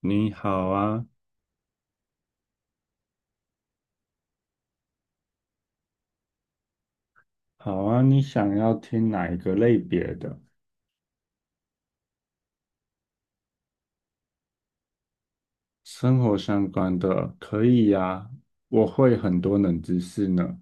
你好啊，好啊，你想要听哪一个类别的？生活相关的可以呀，我会很多冷知识呢。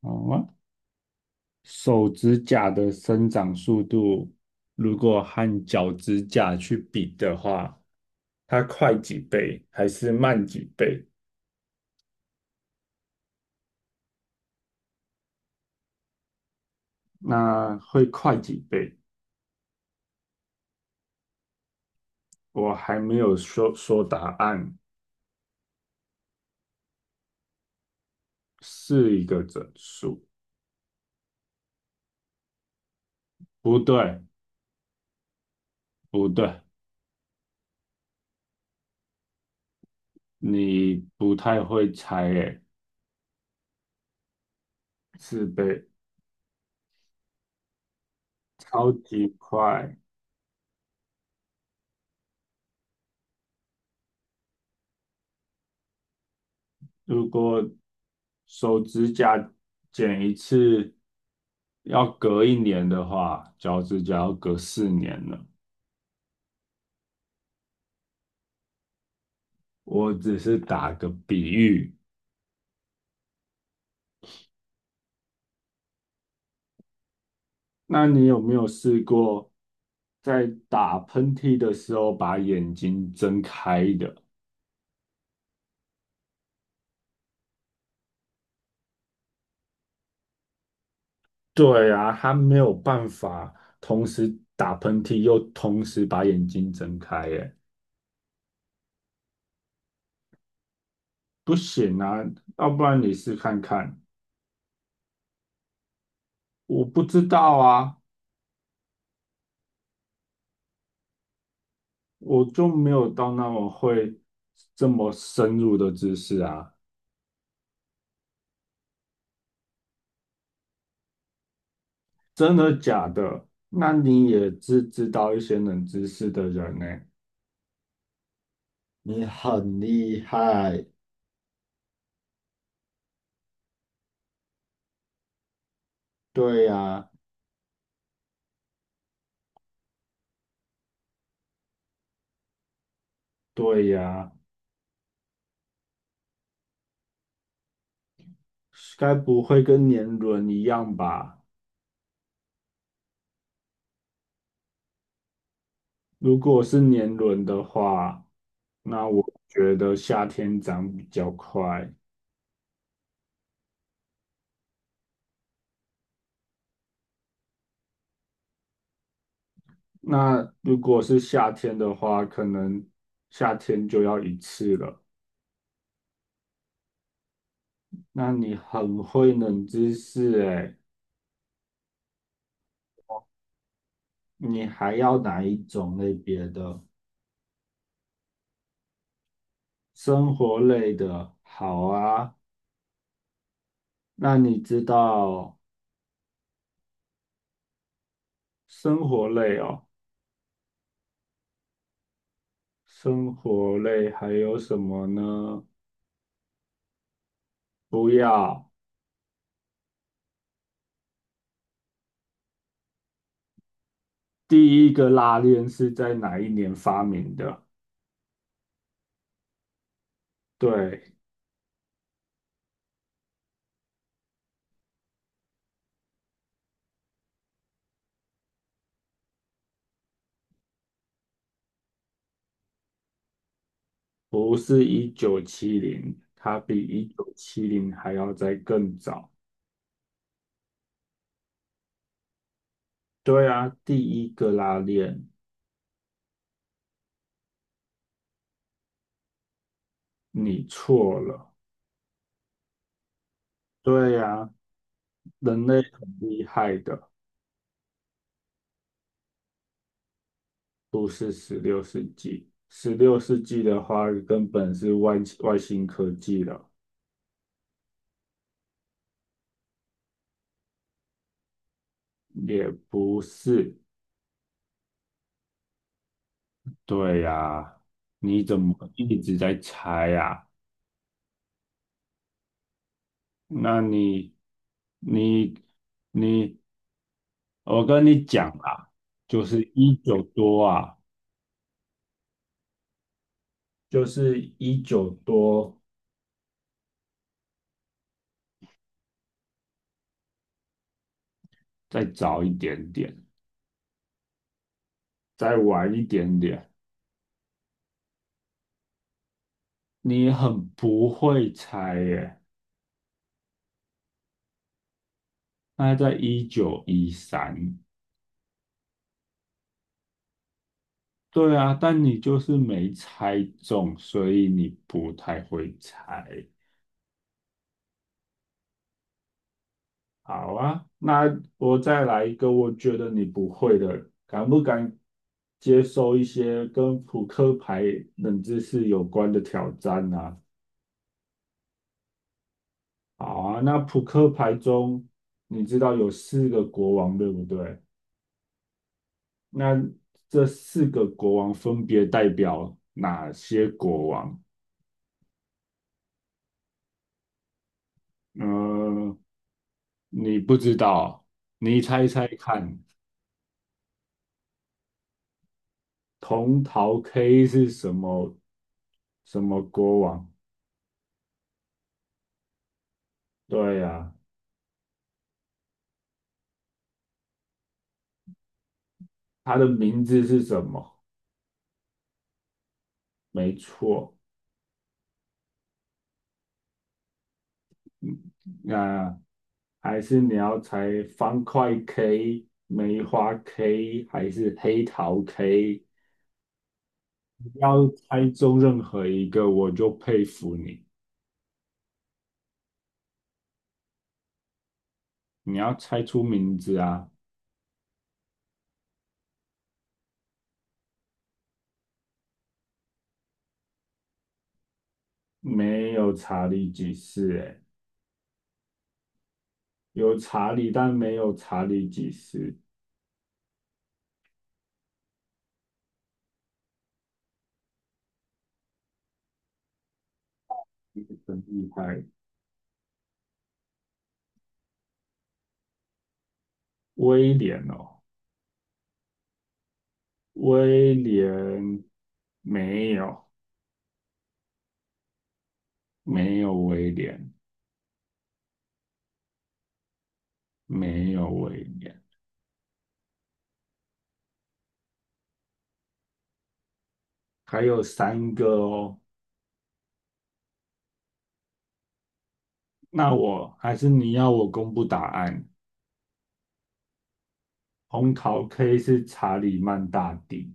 好啊，手指甲的生长速度，如果和脚趾甲去比的话，它快几倍还是慢几倍？那会快几倍？我还没有说答案，是一个整数。不对，不对。你不太会猜诶，是被超级快。如果手指甲剪一次要隔一年的话，脚趾甲要隔4年了。我只是打个比喻。那你有没有试过在打喷嚏的时候把眼睛睁开的？对啊，他没有办法同时打喷嚏又同时把眼睛睁开耶。不行啊，要不然你试看看。我不知道啊，我就没有到那么会这么深入的知识啊。真的假的？那你也知道一些冷知识的人呢、你很厉害，对呀，对呀，该不会跟年轮一样吧？如果是年轮的话，那我觉得夏天长比较快。那如果是夏天的话，可能夏天就要一次了。那你很会冷知识诶，你还要哪一种类别的？生活类的，好啊。那你知道生活类哦？生活类还有什么呢？不要，第一个拉链是在哪一年发明的？对，不是一九七零，它比一九七零还要再更早。对啊，第一个拉链你错了。对呀，人类很厉害的，不是十六世纪。十六世纪的话，根本是外星科技了，也不是。对呀，你怎么一直在猜呀？那你、你、你，我跟你讲啊，就是一九多啊，就是一九多，再早一点点。再晚一点点，你很不会猜耶。那在1913，对啊，但你就是没猜中，所以你不太会猜。好啊，那我再来一个，我觉得你不会的，敢不敢接受一些跟扑克牌冷知识有关的挑战呢、啊好啊，那扑克牌中，你知道有四个国王，对不对？那这四个国王分别代表哪些国王？嗯，你不知道，你猜猜看，铜桃 K 是什么国王？对呀、他的名字是什么？没错，那还是你要猜方块 K、梅花 K 还是黑桃 K？你要猜中任何一个，我就佩服你。你要猜出名字啊！没有查理几世，诶，有查理，但没有查理几世，很厉害。威廉哦，威廉没有，没有威廉，没有威廉，还有三个哦。那我还是你要我公布答案，红桃 K 是查理曼大帝，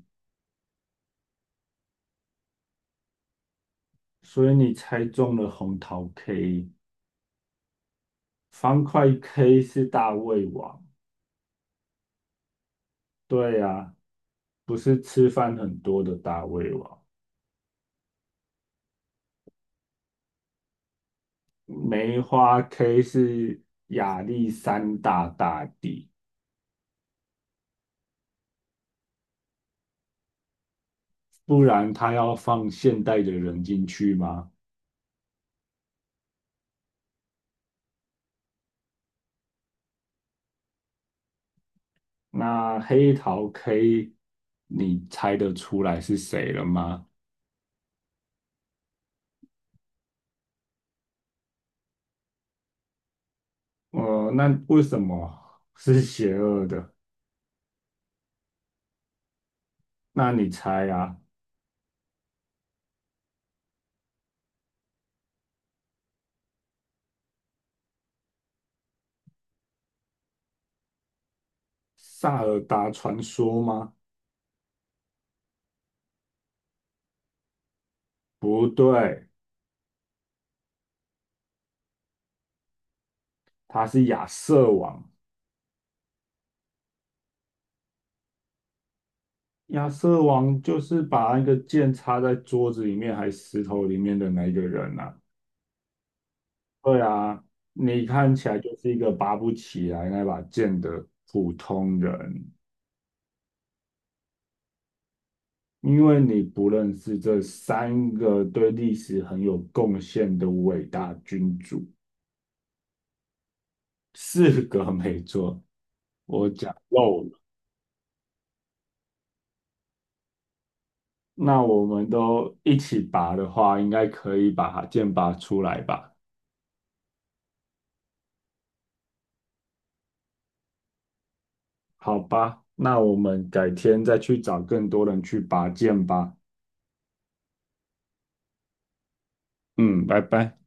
所以你猜中了红桃 K，方块 K 是大胃王。对呀、不是吃饭很多的大胃王，梅花 K 是亚历山大大帝，不然他要放现代的人进去吗？那黑桃 K，你猜得出来是谁了吗？呃，那为什么是邪恶的？那你猜啊，萨尔达传说吗？不对，他是亚瑟王。亚瑟王就是把那个剑插在桌子里面还石头里面的那一个人啊。对啊，你看起来就是一个拔不起来那把剑的普通人，因为你不认识这三个对历史很有贡献的伟大君主。四个没错，我讲漏了。那我们都一起拔的话，应该可以把剑拔出来吧？好吧，那我们改天再去找更多人去拔剑吧。嗯，拜拜。